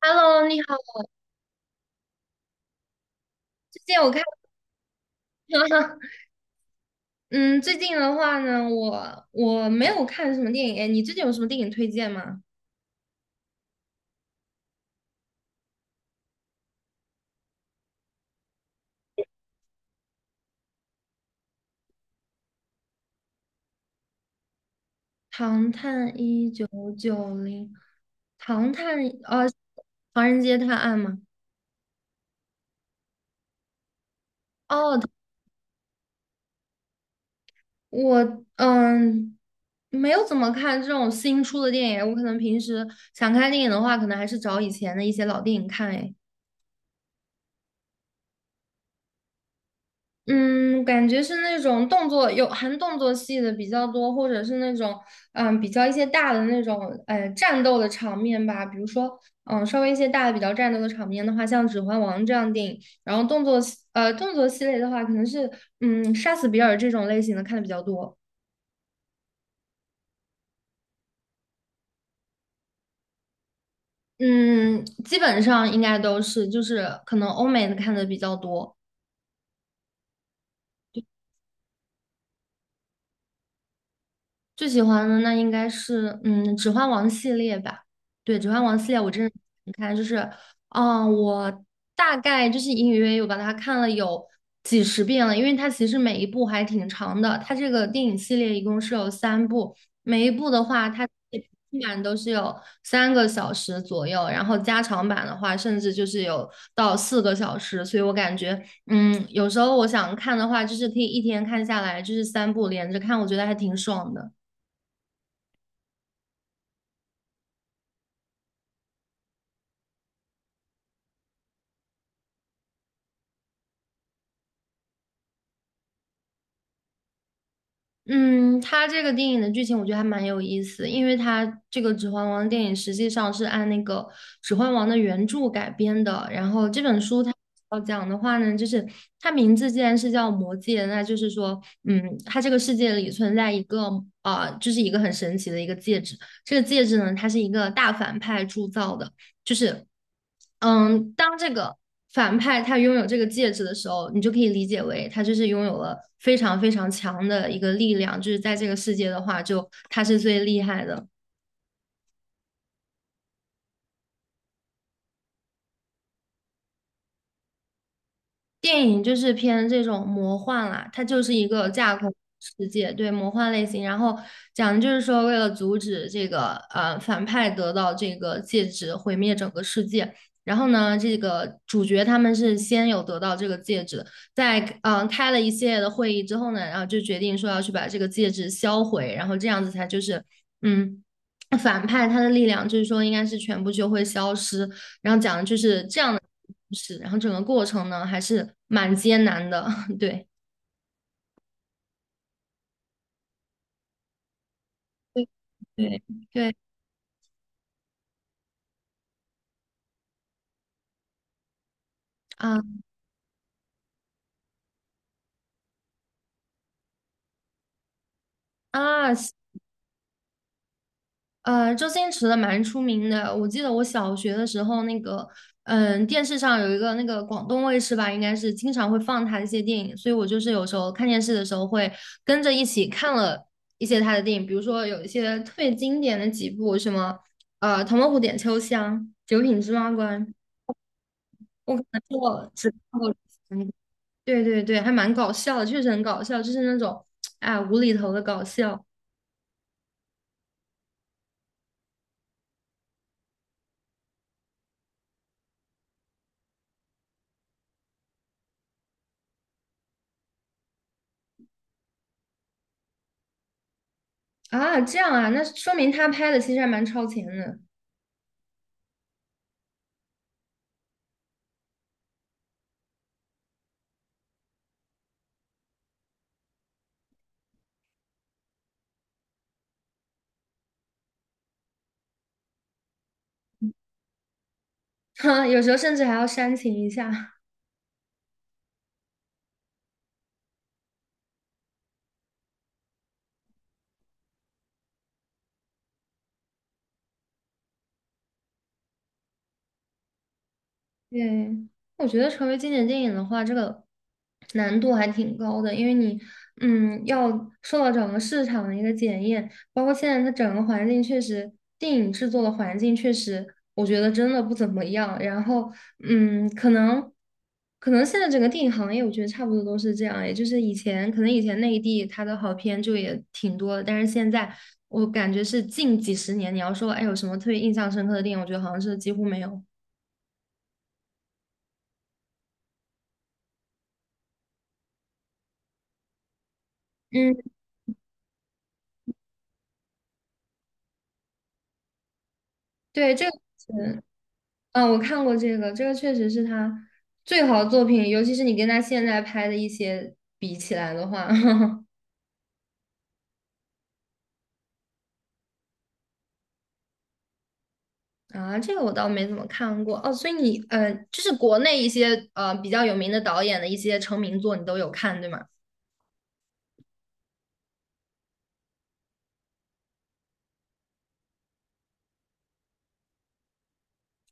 Hello，你好。最近我看，嗯，最近的话呢，我没有看什么电影。哎，你最近有什么电影推荐吗？《唐探一九九零》，《唐探》呃，《唐人街探案》吗？哦，我没有怎么看这种新出的电影。我可能平时想看电影的话，可能还是找以前的一些老电影看。哎，嗯，感觉是那种动作有含动作戏的比较多，或者是那种比较一些大的那种战斗的场面吧，比如说稍微一些大的比较战斗的场面的话，像《指环王》这样的电影，然后动作系列的话，可能是杀死比尔这种类型的看的比较多，嗯基本上应该都是就是可能欧美的看的比较多。最喜欢的那应该是《指环王》系列吧。对，《指环王》系列我真的你看，就是我大概就是隐隐约约有把它看了有几十遍了，因为它其实每一部还挺长的。它这个电影系列一共是有三部，每一部的话它基本都是有3个小时左右，然后加长版的话甚至就是有到4个小时，所以我感觉有时候我想看的话，就是可以一天看下来，就是三部连着看，我觉得还挺爽的。嗯，它这个电影的剧情我觉得还蛮有意思，因为它这个《指环王》电影实际上是按那个《指环王》的原著改编的。然后这本书它要讲的话呢，就是它名字既然是叫《魔戒》，那就是说，它这个世界里存在一个就是一个很神奇的一个戒指。这个戒指呢，它是一个大反派铸造的。就是，当这个反派他拥有这个戒指的时候，你就可以理解为他就是拥有了非常非常强的一个力量，就是在这个世界的话，就他是最厉害的。电影就是偏这种魔幻啦，它就是一个架空世界，对，魔幻类型。然后讲的就是说，为了阻止这个反派得到这个戒指，毁灭整个世界。然后呢，这个主角他们是先有得到这个戒指，在开了一系列的会议之后呢，然后就决定说要去把这个戒指销毁，然后这样子才就是嗯。反派他的力量就是说，应该是全部就会消失，然后讲的就是这样的故事，然后整个过程呢还是蛮艰难的，对。对对，对啊啊，周星驰的蛮出名的。我记得我小学的时候，那个电视上有一个那个广东卫视吧，应该是经常会放他的一些电影，所以我就是有时候看电视的时候会跟着一起看了一些他的电影，比如说有一些特别经典的几部，什么《唐伯虎点秋香》《九品芝麻官》，我可能就只看过对对对，还蛮搞笑的，确实很搞笑，就是那种啊无厘头的搞笑啊，这样啊，那说明他拍的其实还蛮超前的，哈，有时候甚至还要煽情一下。对，我觉得成为经典电影的话，这个难度还挺高的，因为你，要受到整个市场的一个检验，包括现在它整个环境确实，电影制作的环境确实，我觉得真的不怎么样。然后，嗯，可能，可能现在整个电影行业，我觉得差不多都是这样，也就是以前，可能以前内地它的好片就也挺多的，但是现在我感觉是近几十年，你要说，哎，有什么特别印象深刻的电影，我觉得好像是几乎没有。嗯。对，这个是，我看过这个，这个确实是他最好的作品，尤其是你跟他现在拍的一些比起来的话，啊，这个我倒没怎么看过哦。所以你，就是国内一些比较有名的导演的一些成名作，你都有看，对吗？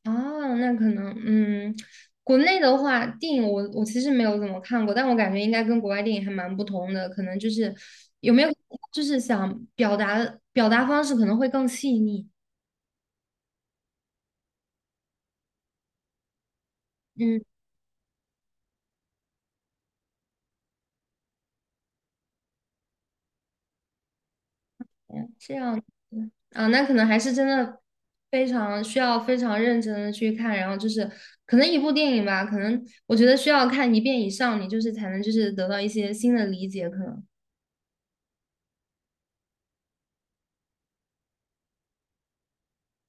哦，那可能，国内的话，电影我其实没有怎么看过，但我感觉应该跟国外电影还蛮不同的，可能就是有没有就是想表达方式可能会更细腻，嗯。嗯这样子啊，那可能还是真的非常需要非常认真的去看，然后就是可能一部电影吧，可能我觉得需要看一遍以上，你就是才能就是得到一些新的理解，可能。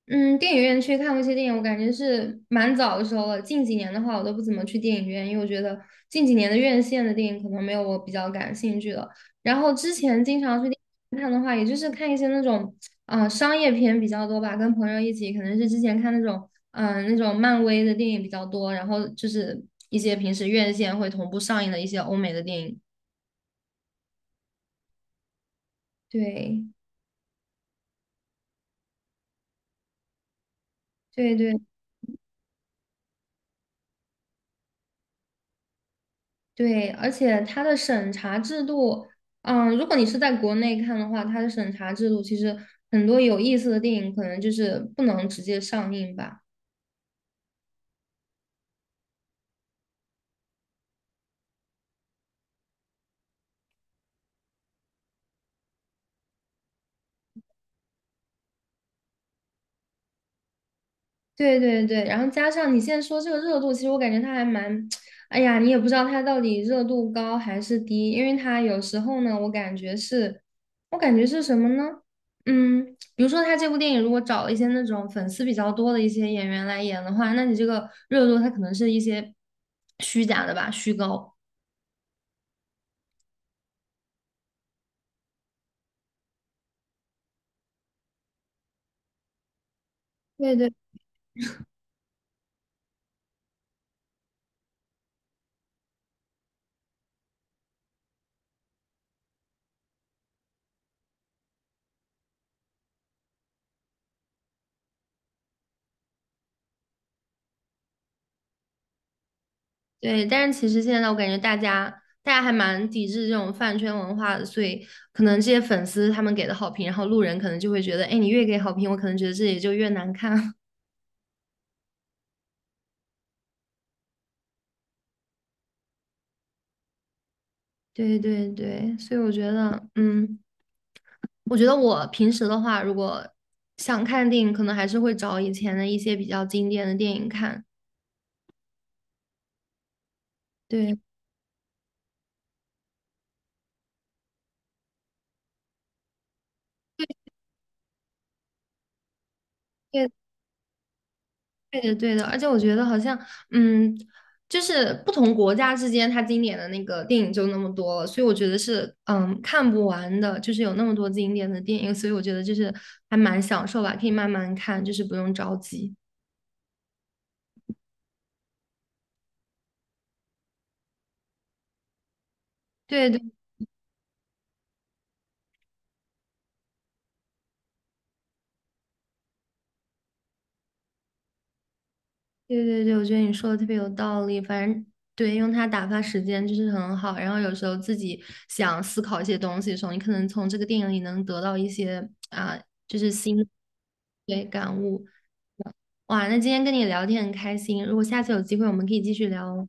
嗯，电影院去看过一些电影，我感觉是蛮早的时候了。近几年的话，我都不怎么去电影院，因为我觉得近几年的院线的电影可能没有我比较感兴趣的。然后之前经常去电影院看的话，也就是看一些那种商业片比较多吧，跟朋友一起，可能是之前看那种漫威的电影比较多，然后就是一些平时院线会同步上映的一些欧美的电影。对对对。对，而且它的审查制度，如果你是在国内看的话，它的审查制度其实很多有意思的电影可能就是不能直接上映吧。对对对，然后加上你现在说这个热度，其实我感觉它还蛮，哎呀，你也不知道它到底热度高还是低，因为它有时候呢，我感觉是什么呢？嗯，比如说他这部电影如果找了一些那种粉丝比较多的一些演员来演的话，那你这个热度它可能是一些虚假的吧，虚高。对对对，但是其实现在我感觉大家还蛮抵制这种饭圈文化的，所以可能这些粉丝他们给的好评，然后路人可能就会觉得，哎，你越给好评，我可能觉得自己就越难看。对对对，所以我觉得，我觉得我平时的话，如果想看电影，可能还是会找以前的一些比较经典的电影看。对，对对的，对的，而且我觉得好像，嗯，就是不同国家之间，它经典的那个电影就那么多了，所以我觉得是，看不完的，就是有那么多经典的电影，所以我觉得就是还蛮享受吧，可以慢慢看，就是不用着急。对对。对对对，我觉得你说的特别有道理。反正对，用它打发时间就是很好。然后有时候自己想思考一些东西的时候，你可能从这个电影里能得到一些啊，就是新对感悟。哇，那今天跟你聊天很开心，如果下次有机会，我们可以继续聊哦。